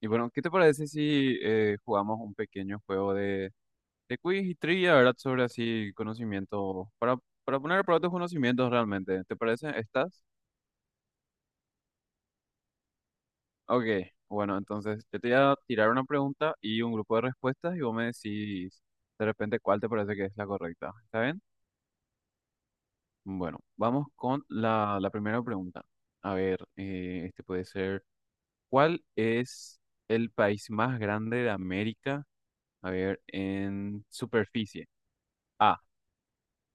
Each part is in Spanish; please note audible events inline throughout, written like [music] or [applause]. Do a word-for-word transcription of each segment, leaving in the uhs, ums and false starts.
Y bueno, ¿qué te parece si eh, jugamos un pequeño juego de, de quiz y trivia? ¿Verdad? Sobre así conocimiento, para, para poner a prueba tus conocimientos realmente. ¿Te parece? ¿Estás? Ok, bueno, entonces yo te voy a tirar una pregunta y un grupo de respuestas y vos me decís de repente cuál te parece que es la correcta. ¿Está bien? Bueno, vamos con la, la primera pregunta. A ver, eh, este puede ser, ¿cuál es el país más grande de América? A ver, en superficie. A,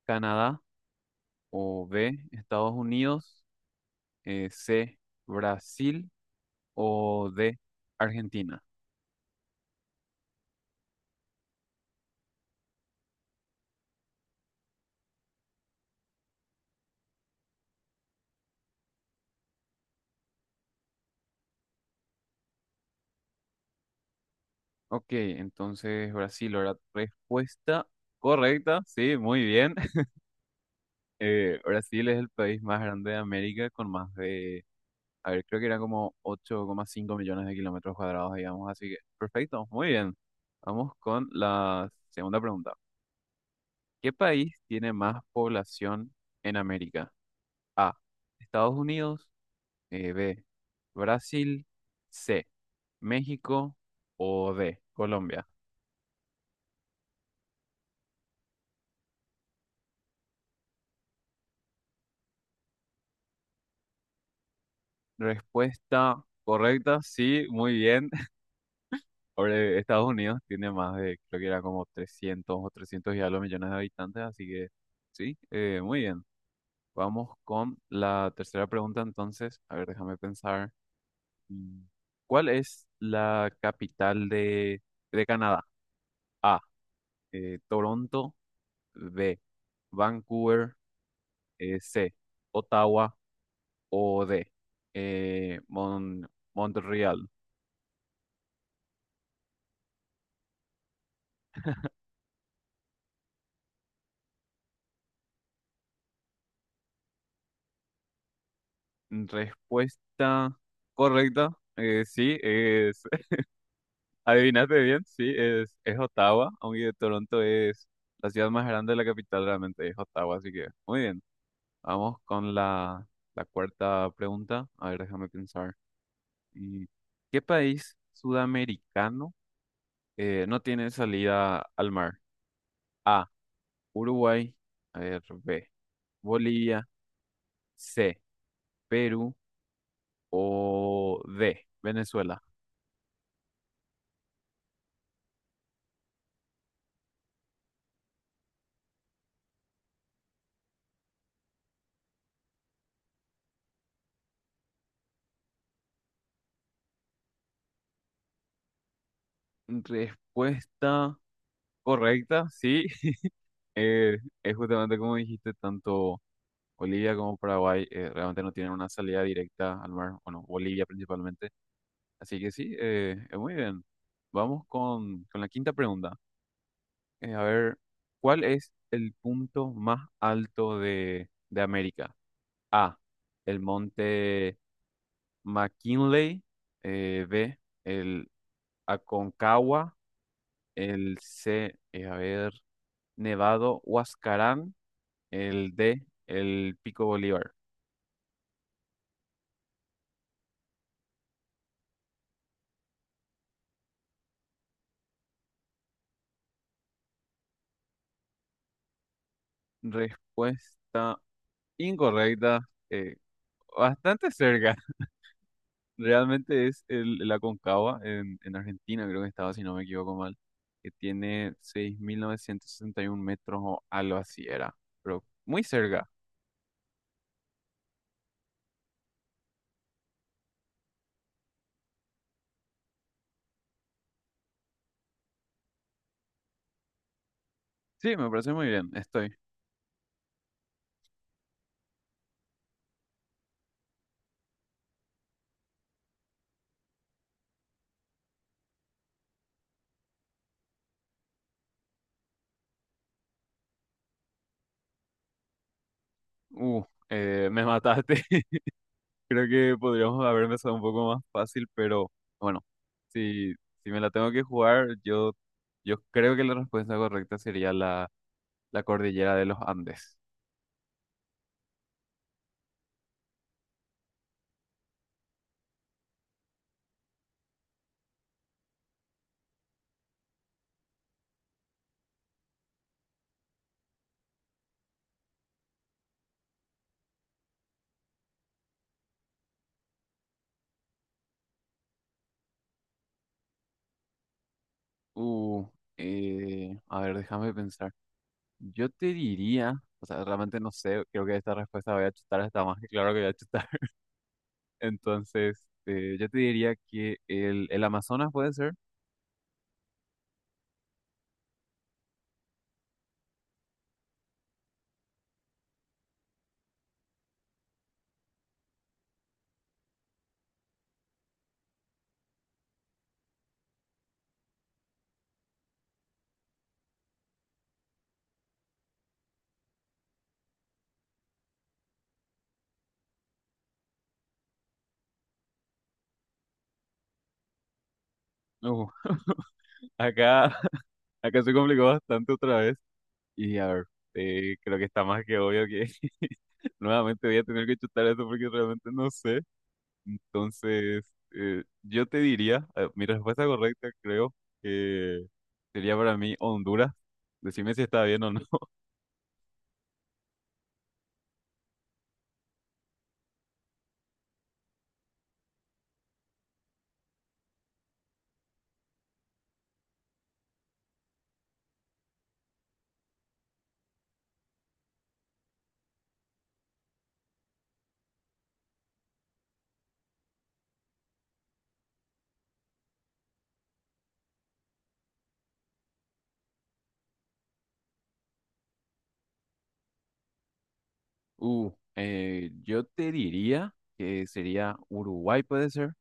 Canadá, o B, Estados Unidos, eh, C, Brasil, o D, Argentina. Ok, entonces Brasil, la respuesta correcta, sí, muy bien. [laughs] Eh, Brasil es el país más grande de América con más de, a ver, creo que eran como ocho coma cinco millones de kilómetros cuadrados, digamos, así que perfecto, muy bien. Vamos con la segunda pregunta. ¿Qué país tiene más población en América? A, Estados Unidos. Eh, B, Brasil, C, México, o D, Colombia. Respuesta correcta, sí, muy bien. [laughs] Ahora, eh, Estados Unidos tiene más de, creo que era como trescientos o trescientos y algo millones de habitantes, así que sí, eh, muy bien. Vamos con la tercera pregunta entonces. A ver, déjame pensar. Mm, ¿Cuál es la capital de, de Canadá? A, eh, Toronto, B, Vancouver, eh, C, Ottawa, o D, eh, Mon- Montreal. Respuesta correcta, eh, sí, es, [laughs] adivinaste bien, sí, es, es Ottawa, aunque Toronto es la ciudad más grande de la capital, realmente es Ottawa, así que muy bien. Vamos con la, la cuarta pregunta, a ver, déjame pensar. Mm, ¿Qué país sudamericano eh, no tiene salida al mar? A, Uruguay, a ver, B, Bolivia. C, Perú, o D, Venezuela. Respuesta correcta, sí. [laughs] Eh, es justamente como dijiste, tanto Bolivia como Paraguay eh, realmente no tienen una salida directa al mar, bueno, Bolivia principalmente. Así que sí, eh, eh, muy bien. Vamos con, con la quinta pregunta. Eh, a ver, ¿cuál es el punto más alto de, de América? A, el monte McKinley. eh, B, el Aconcagua, el C, eh, a ver, Nevado, Huascarán, el D, el Pico Bolívar. Respuesta incorrecta, eh, bastante cerca. [laughs] Realmente es el, el Aconcagua en, en Argentina, creo que estaba, si no me equivoco mal, que tiene seis mil novecientos sesenta y uno metros o algo así era, pero muy cerca. Sí, me parece muy bien, estoy. Uh, eh, me mataste. [laughs] Creo que podríamos haber empezado un poco más fácil, pero bueno, si, si me la tengo que jugar, yo, yo creo que la respuesta correcta sería la, la cordillera de los Andes. Uh, eh, a ver, déjame pensar. Yo te diría, o sea, realmente no sé, creo que esta respuesta voy a chutar, está más que claro que voy a chutar. [laughs] Entonces, eh, yo te diría que el, el Amazonas puede ser. Uh, acá, [laughs] acá se complicó bastante otra vez. Y a ver, eh, creo que está más que obvio que... [laughs] Nuevamente voy a tener que chutar eso porque realmente no sé. Entonces, eh, yo te diría, eh, mi respuesta correcta creo que sería para mí Honduras. Decime si está bien o no. Uh, eh, yo te diría que sería Uruguay, puede ser.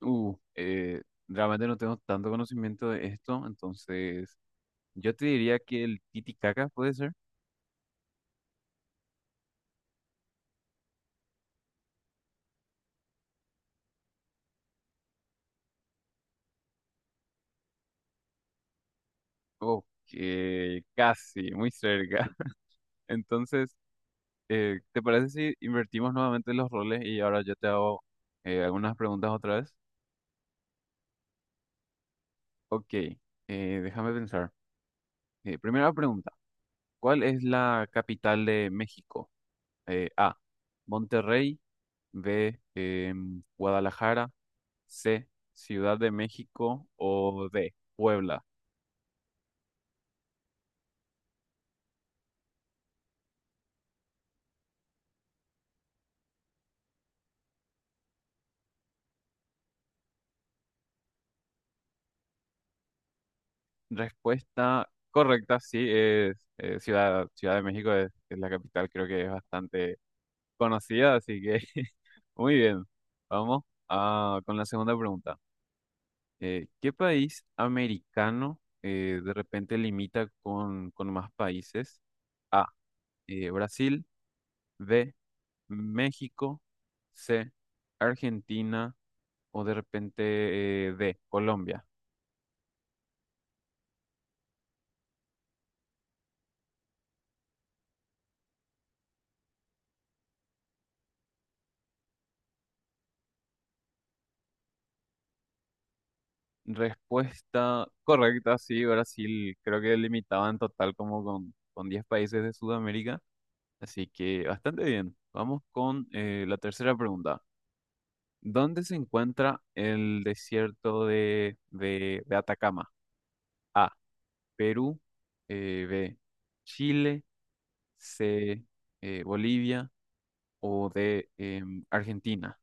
Uh, eh, realmente no tengo tanto conocimiento de esto, entonces yo te diría que el Titicaca puede ser. Ok, casi, muy cerca. [laughs] Entonces, Eh, ¿te parece si invertimos nuevamente los roles y ahora yo te hago eh, algunas preguntas otra vez? Ok, eh, déjame pensar. Eh, primera pregunta, ¿cuál es la capital de México? Eh, A, Monterrey, B, em, Guadalajara, C, Ciudad de México, o D, Puebla. Respuesta correcta, sí, es eh, Ciudad, Ciudad de México es, es la capital, creo que es bastante conocida, así que [laughs] muy bien, vamos a- con la segunda pregunta. Eh, ¿qué país americano eh, de repente limita con, con más países? A, eh, Brasil, B, México, C, Argentina, o de repente eh, D, Colombia. Respuesta correcta, sí, Brasil creo que limitaba en total como con, con diez países de Sudamérica, así que bastante bien. Vamos con eh, la tercera pregunta. ¿Dónde se encuentra el desierto de, de- de Atacama? A, Perú. eh, B, Chile. C, eh, Bolivia. O D, em, Argentina.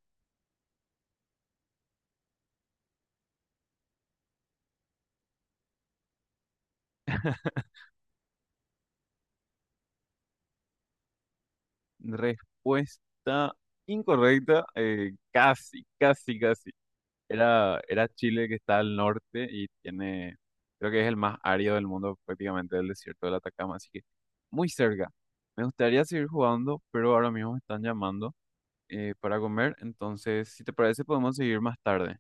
Respuesta incorrecta. Eh, casi, casi, casi. Era, era Chile que está al norte y tiene, creo que es el más árido del mundo prácticamente el desierto de Atacama. Así que muy cerca. Me gustaría seguir jugando, pero ahora mismo me están llamando. eh, para comer. Entonces, si te parece, podemos seguir más tarde.